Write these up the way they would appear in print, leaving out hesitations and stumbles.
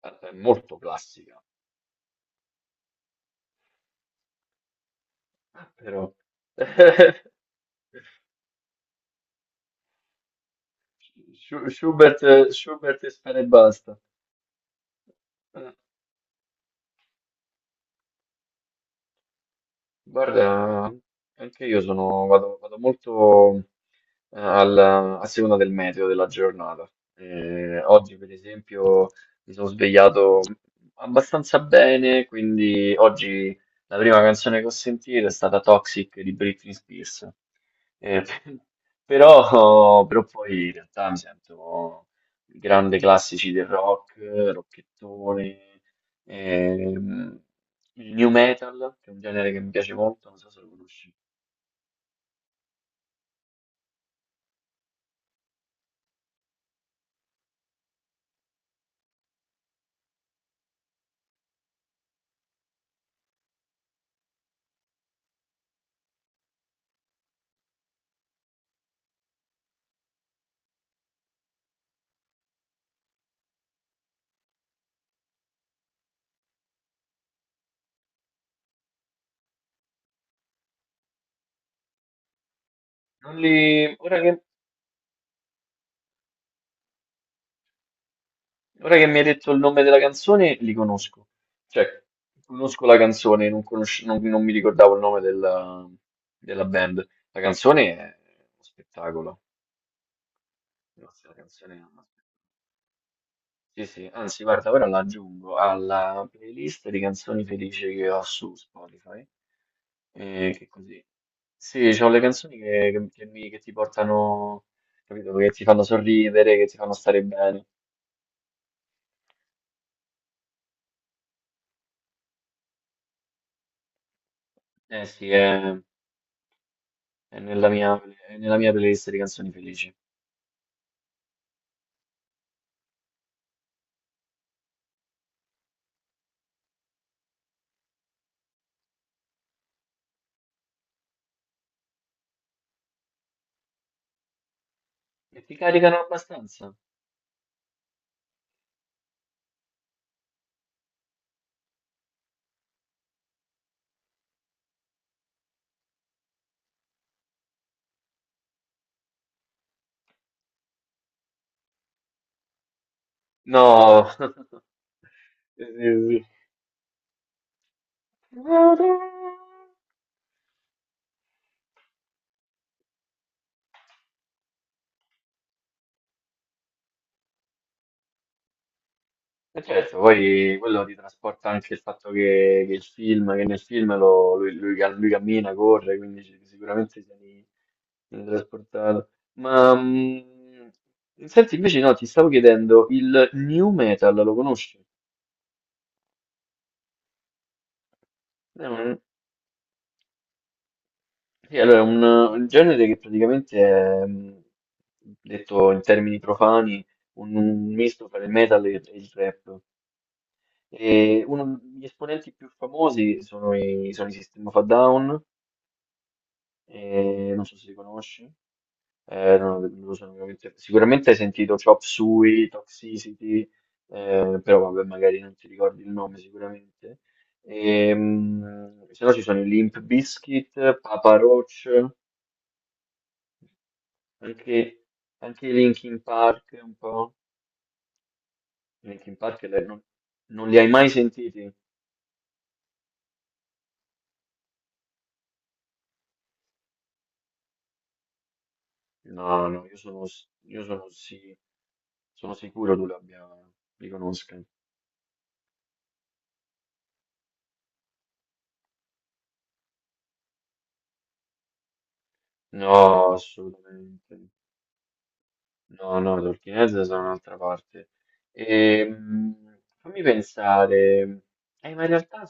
È molto classica, però Schubert, Schubert e spera e basta. Eh, Guarda, anche io sono, vado molto, alla- a seconda del meteo della giornata. Oggi, per esempio, mi sono svegliato abbastanza bene, quindi oggi la prima canzone che ho sentito è stata Toxic di Britney Spears. Eh, però poi in realtà mi sento grande classici del rock, rockettone, ehm, il new metal, che è un genere che mi piace molto, non so se lo conosci. Non li- ora che Ora che mi hai detto il nome della canzone, li conosco. Cioè, conosco la canzone, non, conosce- non- non mi ricordavo il nome della, della band. La canzone è uno spettacolo. Grazie, la canzone è una- Sì, sì, anzi, guarda, ora la aggiungo alla playlist di canzoni felici che ho su Spotify. E che così. Sì, c'ho le canzoni che ti portano, capito, che ti fanno sorridere, che ti fanno stare bene. Eh sì, è È nella è nella mia playlist di canzoni felici. E ti caricano abbastanza? No, sì, sì, sì. E certo, poi quello ti trasporta anche il fatto che il film, che nel film lui cammina, corre, quindi ci- sicuramente sei trasportato. Ma senti, invece no, ti stavo chiedendo, il new metal lo conosci? Sì, allora, è un genere che praticamente è, detto in termini profani, un misto tra il metal e il rap. E uno degli esponenti più famosi sono sono i System of a Down, e non so se li conosci. Non lo so, veramente- sicuramente hai sentito Chop Suey, Toxicity, però vabbè, magari non ti ricordi il nome sicuramente. E, se no ci sono i Limp Bizkit, Papa Roach. Anche, anche i Linkin Park un po'. Linkin Park non li hai mai sentiti? No, no, io sono, sì, sono sicuro tu li abbia, li conosca. No, assolutamente. No, no, i Talking Heads sono un'altra parte. Fammi pensare. Eh, ma in realtà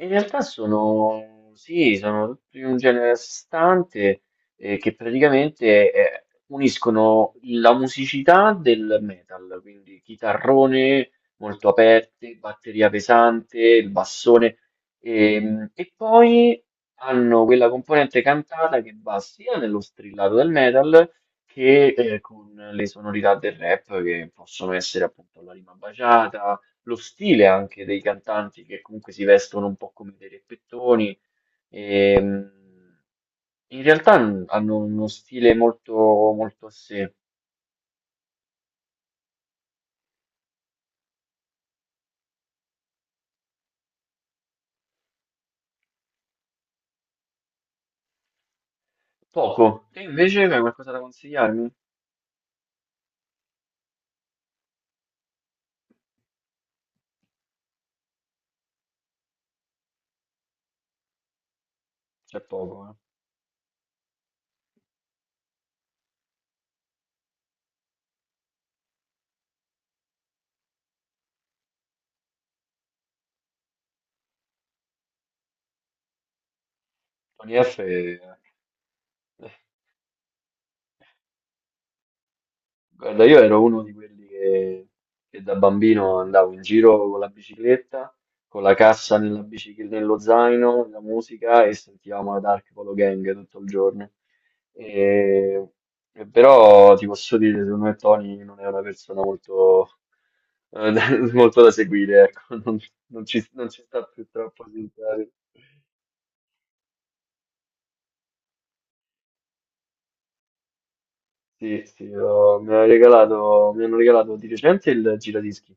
In realtà sono, sì, sono tutti un genere a sé stante che praticamente uniscono la musicità del metal, quindi chitarrone molto aperte, batteria pesante, il bassone, e poi hanno quella componente cantata che va sia nello strillato del metal che con le sonorità del rap che possono essere appunto la rima baciata, lo stile anche dei cantanti che comunque si vestono un po' come dei reppettoni. E, in realtà n- hanno uno stile molto, molto a sé. Poco. Te invece hai qualcosa da consigliarmi? C'è poco, eh. Tony F. Guarda, io ero uno di quelli che da bambino andavo in giro con la bicicletta, con la cassa nella nello zaino, la musica e sentivamo la Dark Polo Gang tutto il giorno. E- e però ti posso dire, secondo me Tony non è una persona molto, da molto da seguire, ecco, non, non ci sta più troppo simpatico. Sì, sì, mi hanno regalato di recente il giradischi.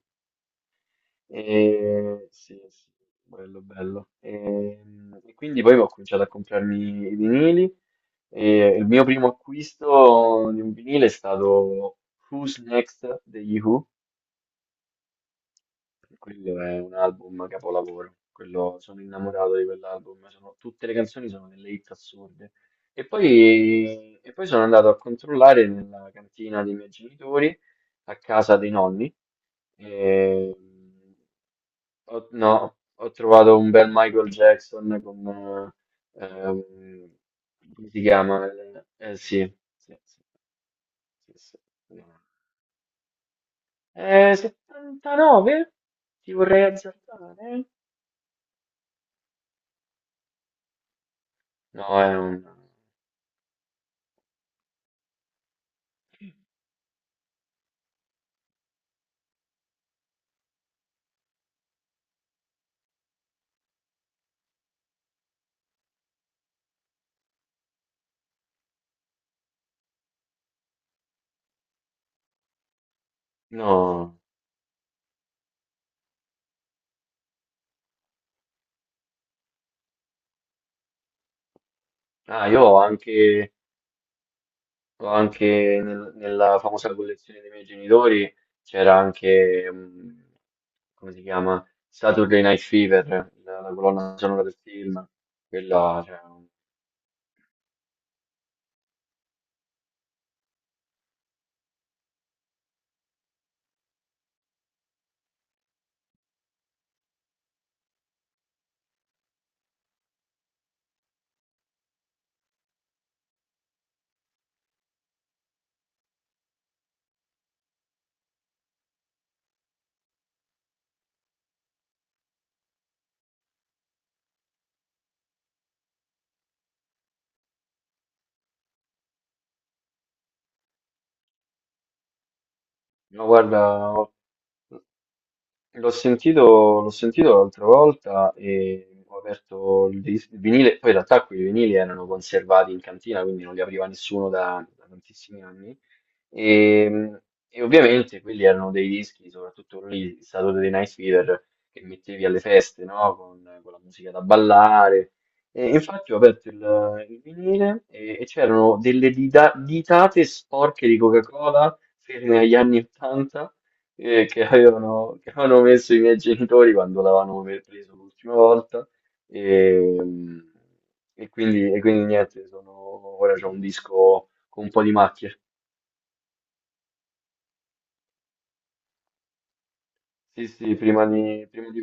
E sì, sì, bello, bello. Quindi poi ho cominciato a comprarmi i vinili e il mio primo acquisto di un vinile è stato Who's Next degli Who. Quello è un album capolavoro, quello, sono innamorato di quell'album, sono- tutte le canzoni sono delle hit assurde. E poi sono andato a controllare nella cantina dei miei genitori, a casa dei nonni, e ho, no, ho trovato un bel Michael Jackson con, eh, ehm, come si chiama? Sì, sì, sì, sì, sì. 79? Ti vorrei azzardare? No, è un... No. Ah, io ho anche nella famosa collezione dei miei genitori c'era anche, come si chiama? Saturday Night Fever, la, la colonna sonora del film. Quella, cioè, no, guarda, l'ho sentito, l'ho sentito l'altra volta e ho aperto il il vinile, poi in realtà quei vinili erano conservati in cantina, quindi non li apriva nessuno da, da tantissimi anni. E, e ovviamente quelli erano dei dischi, soprattutto quello lì, Saturday Night Fever, che mettevi alle feste, no? Con la musica da ballare. E infatti ho aperto il vinile e c'erano delle ditate sporche di Coca-Cola ferme agli anni 80, che che avevano messo i miei genitori quando l'avevano preso l'ultima volta. E, e quindi niente, sono, ora c'ho un disco con un po' di macchie. Sì, sì, prima di...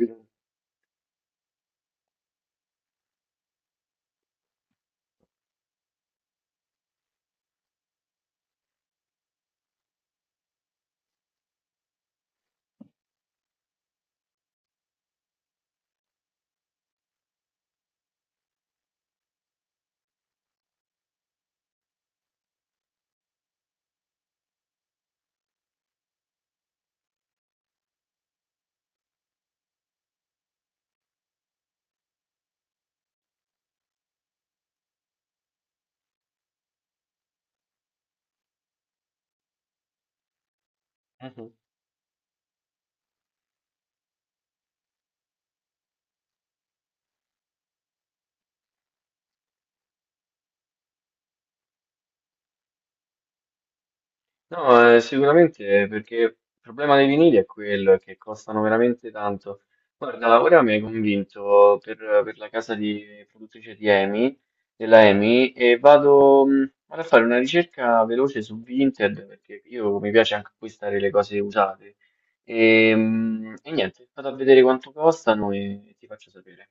Mhm. No, sicuramente perché il problema dei vinili è quello, è che costano veramente tanto. Guarda, ora mi hai convinto per la casa di produttrice di EMI, della EMI, e vado, vado a fare una ricerca veloce su Vinted perché io mi piace anche acquistare le cose usate. E niente, vado a vedere quanto costano e ti faccio sapere.